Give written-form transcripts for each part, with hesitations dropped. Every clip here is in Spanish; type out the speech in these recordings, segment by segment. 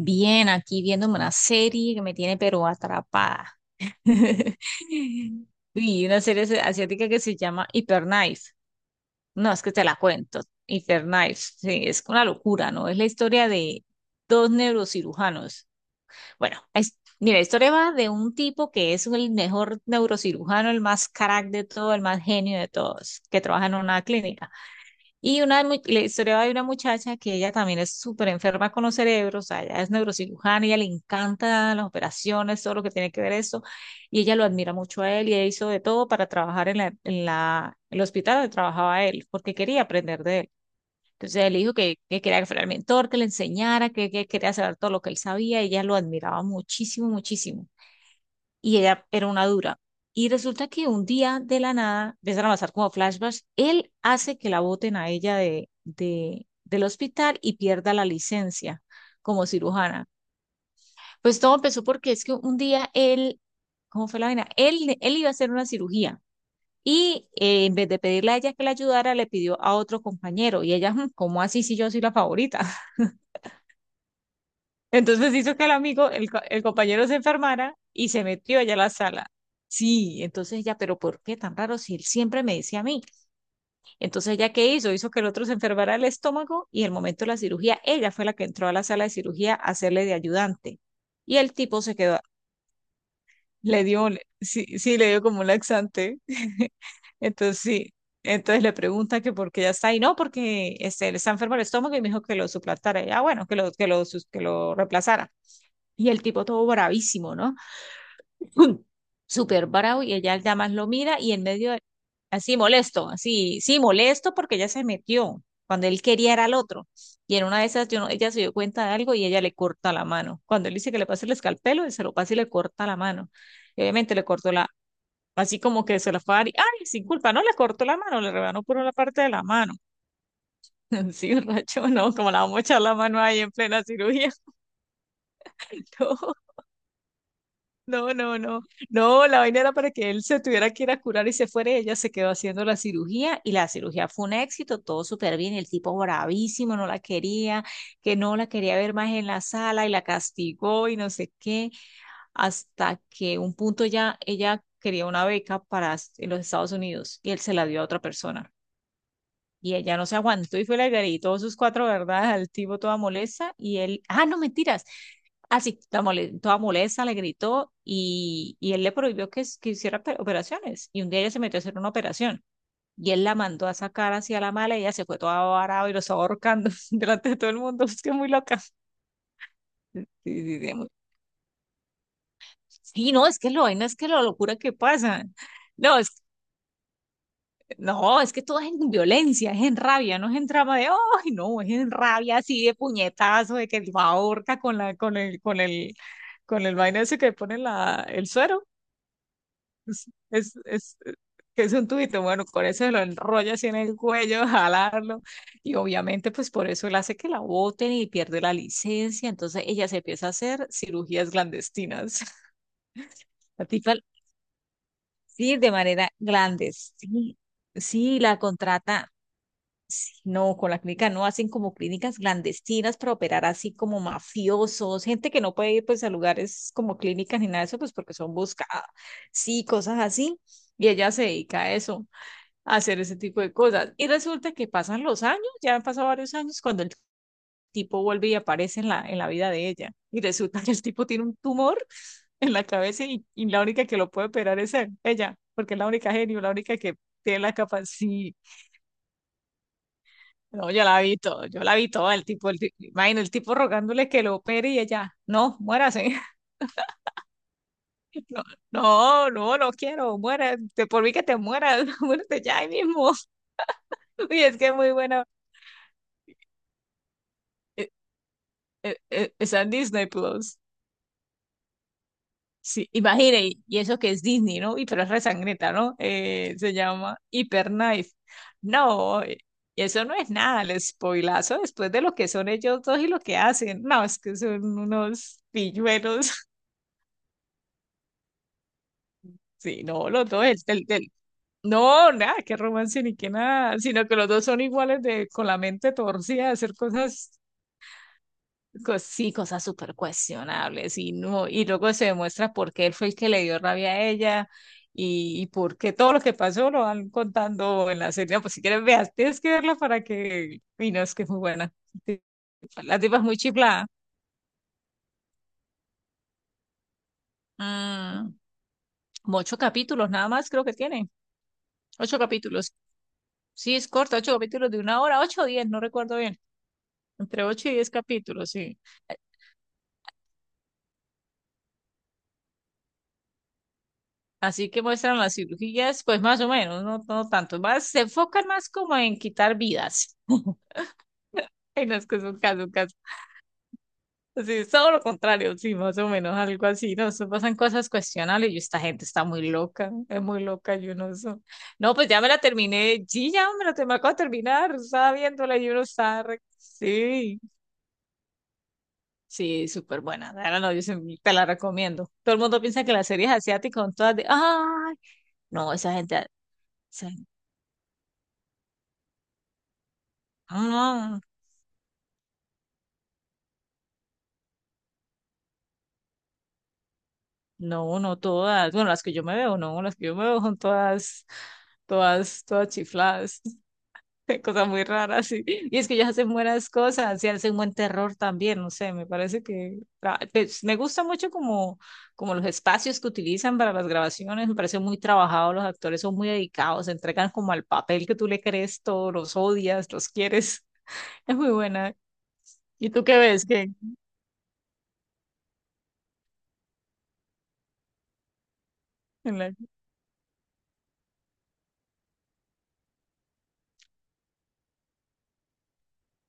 Bien, aquí viéndome una serie que me tiene pero atrapada. Y una serie asiática que se llama Hyperknife. No, es que te la cuento. Hyperknife, sí, es una locura, ¿no? Es la historia de dos neurocirujanos. Bueno, es, mira, la historia va de un tipo que es el mejor neurocirujano, el más crack de todo, el más genio de todos, que trabaja en una clínica. Y una, la historia de una muchacha que ella también es súper enferma con los cerebros, o sea, ella es neurocirujana, ella le encanta las operaciones, todo lo que tiene que ver eso, y ella lo admira mucho a él y ella hizo de todo para trabajar en el hospital donde trabajaba él, porque quería aprender de él. Entonces él dijo que quería que fuera el mentor, que le enseñara, que quería saber todo lo que él sabía, y ella lo admiraba muchísimo, muchísimo, y ella era una dura. Y resulta que un día de la nada, empiezan a pasar como flashbacks, él hace que la boten a ella del hospital y pierda la licencia como cirujana. Pues todo empezó porque es que un día él, ¿cómo fue la vaina? Él iba a hacer una cirugía. Y en vez de pedirle a ella que la ayudara, le pidió a otro compañero. Y ella, "Mm, ¿cómo así si yo soy la favorita?". Entonces hizo que el amigo, el, el compañero se enfermara y se metió allá a la sala. Sí, entonces ella, pero ¿por qué tan raro si él siempre me decía a mí? Entonces ella, ¿qué hizo? Hizo que el otro se enfermara el estómago y en el momento de la cirugía, ella fue la que entró a la sala de cirugía a hacerle de ayudante. Y el tipo se quedó, le dio, sí, sí, le dio como un laxante. Entonces sí, entonces le pregunta que por qué ya está ahí, no, porque este, le está enfermo el estómago y me dijo que lo suplantara. Ya, bueno, que lo reemplazara. Y el tipo todo bravísimo, ¿no? Súper bravo y ella ya más lo mira y en medio, así molesto, así, sí, molesto porque ella se metió cuando él quería era al otro. Y en una de esas, yo no- ella se dio cuenta de algo y ella le corta la mano. Cuando él dice que le pase el escalpelo, él se lo pasa y le corta la mano. Y obviamente le cortó la, así como que se la fue a dar y, ay, sin culpa, no, le cortó la mano, le rebanó por una parte de la mano. Sí, racho, no, como la vamos a echar la mano ahí en plena cirugía. No. No, no, no. No, la vaina era para que él se tuviera que ir a curar y se fuera. Y ella se quedó haciendo la cirugía y la cirugía fue un éxito, todo súper bien. Y el tipo bravísimo, no la quería, que no la quería ver más en la sala, y la castigó y no sé qué. Hasta que un punto ya ella quería una beca para en los Estados Unidos y él se la dio a otra persona. Y ella no se aguantó y fue y le gritó sus cuatro verdades al tipo toda molesta y él, ah, no, mentiras. Así, toda molesta, le gritó y él le prohibió que hiciera operaciones. Y un día ella se metió a hacer una operación y él la mandó a sacar hacia la mala y ella se fue toda varada y lo estaba ahorcando delante de todo el mundo. Es que es muy loca. Sí, sí, sí, sí, no, es que lo vaina es que la locura que pasa. No, es No, es que todo es en violencia, es en rabia, no es en trama de, ay, no, es en rabia así de puñetazo, de que va ahorca con el vaina ese que pone la, el suero. Es, es, eh, que es un tubito, bueno, con eso se lo enrolla así en el cuello, jalarlo, y obviamente pues por eso él hace que la boten y pierde la licencia, entonces ella se empieza a hacer cirugías clandestinas. La tipa, sí, de manera clandestina, sí, la contrata. No, con la clínica no, hacen como clínicas clandestinas para operar así como mafiosos, gente que no puede ir pues a lugares como clínicas ni nada de eso, pues porque son buscadas, sí, cosas así. Y ella se dedica a eso, a hacer ese tipo de cosas. Y resulta que pasan los años, ya han pasado varios años, cuando el tipo vuelve y aparece en la vida de ella. Y resulta que el tipo tiene un tumor en la cabeza y la única que lo puede operar es él, ella, porque es la única genio, la única que tiene la capacidad. No, yo la vi todo, yo la vi todo, el tipo, el, imagino el tipo rogándole que lo opere y ella, no, muérase, no, no, no, no quiero, muera, por mí que te mueras, muérete ya ahí mismo, y es que es muy buena. Eh, está en Disney Plus, sí, imagine, y eso que es Disney, ¿no? Y pero es resangreta, ¿no? Se llama Hyperknife, no, y eso no es nada, el spoilazo después de lo que son ellos dos y lo que hacen, no, es que son unos pilluelos. Sí, no, los dos, no, nada, qué romance ni qué nada, sino que los dos son iguales de, con la mente torcida de hacer cosas, sí, cosas súper cuestionables y no, y luego se demuestra por qué él fue el que le dio rabia a ella y por qué todo lo que pasó lo van contando en la serie. No, pues si quieres veas, tienes que verla para que, y no, es que es muy buena, la tipa es muy chiflada. Mm, como ocho capítulos nada más creo que tiene, ocho capítulos. Sí, es corta, ocho capítulos de una hora, ocho o diez, no recuerdo bien. Entre ocho y diez capítulos, sí. Así que muestran las cirugías, pues más o menos, no, no tanto. Más, se enfocan más como en quitar vidas. En las que son casos, casos. Sí, es todo lo contrario, sí, más o menos, algo así. No, eso pasan cosas cuestionables y esta gente está muy loca, es muy loca, yo no sé. No, pues ya me la terminé, sí, me acabo de terminar, estaba viéndola y uno está, sí. Sí, súper buena. Ahora no, te la recomiendo. Todo el mundo piensa que las series asiáticas son todas de, ay, no, esa gente, esa gente- no, no, no todas. Bueno, las que yo me veo, no, las que yo me veo son todas, todas, todas chifladas. Cosa muy rara, sí. Y es que ellos hacen buenas cosas y hacen buen terror también, no sé, me parece que ah, pues, me gusta mucho como, como los espacios que utilizan para las grabaciones, me parece muy trabajado, los actores son muy dedicados, se entregan como al papel que tú le crees todo, los odias, los quieres, es muy buena. ¿Y tú qué ves? Que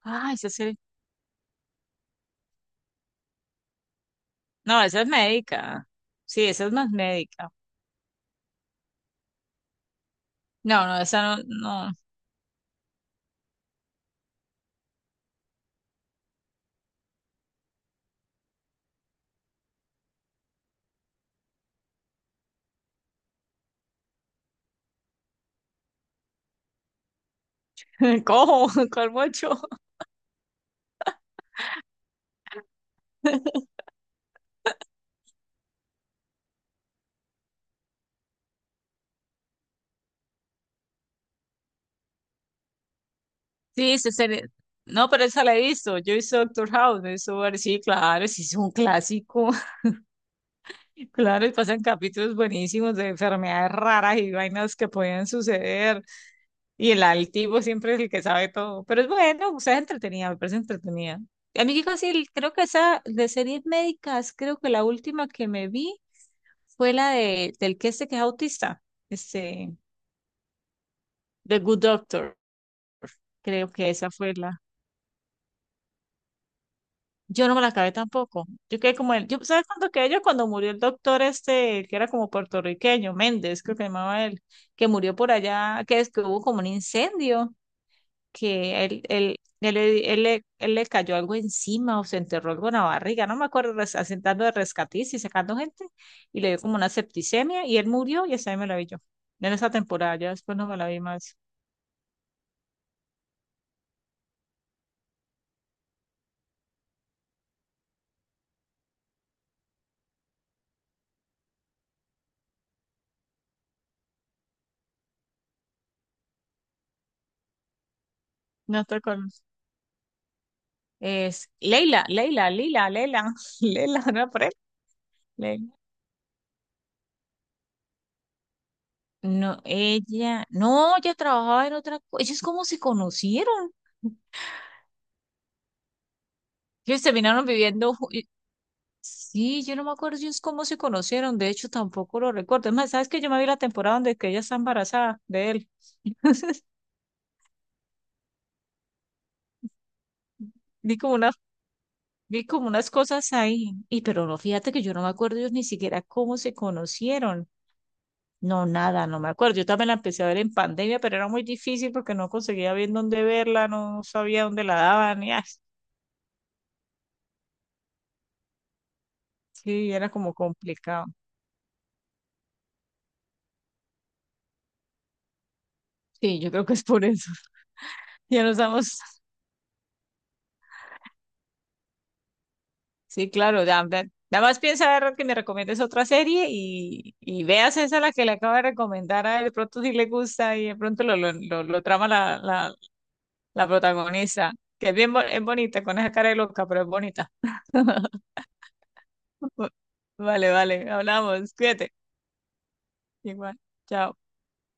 ah, no, esa es médica. Sí, esa es más médica. No, no, esa no, no. ¿Cómo cuál mocho? Sí, no, pero esa la he visto. Yo he visto Doctor House, me he visto, sí, claro, sí, es un clásico. Claro, y pasan capítulos buenísimos de enfermedades raras y vainas que podían suceder. Y el altivo siempre es el que sabe todo. Pero es bueno, o sea, es entretenida, me parece entretenida. A mí que casi creo que esa de series médicas, creo que la última que me vi fue la de del que este que es autista, este, The Good Doctor. Creo que esa fue. Yo no me la acabé tampoco. Yo quedé como él. Yo, ¿sabes cuándo quedé yo? Cuando murió el doctor este, el que era como puertorriqueño, Méndez, creo que se llamaba él, que murió por allá, que es que hubo como un incendio, que él le cayó algo encima o se enterró algo en la barriga, no me acuerdo, asentando de rescatistas y sacando gente, y le dio como una septicemia y él murió y esa ahí me la vi yo. En esa temporada, ya después no me la vi más. No te acuerdas. Es Leila, Leila, Lila, Leila, Leila, no, por él. No, ella, no, ella trabajaba en otra cosa. Ellos cómo se conocieron. Ellos terminaron viviendo. Sí, yo no me acuerdo ellos cómo se conocieron. De hecho, tampoco lo recuerdo. Es más, ¿sabes que yo me vi la temporada donde que ella está embarazada de él? Vi como una, vi como unas cosas ahí. Y pero no, fíjate que yo no me acuerdo ellos ni siquiera cómo se conocieron. No, nada, no me acuerdo. Yo también la empecé a ver en pandemia, pero era muy difícil porque no conseguía bien dónde verla, no sabía dónde la daban. Y, ay, sí, era como complicado. Sí, yo creo que es por eso. Ya nos damos. Sí, claro, ya. Nada más piensa Errol, que me recomiendes otra serie y veas esa la que le acabo de recomendar a él. De pronto si le gusta y de pronto lo trama la protagonista, que es es bonita, con esa cara de loca, pero es bonita. Vale, vale, hablamos. Cuídate. Igual. Chao.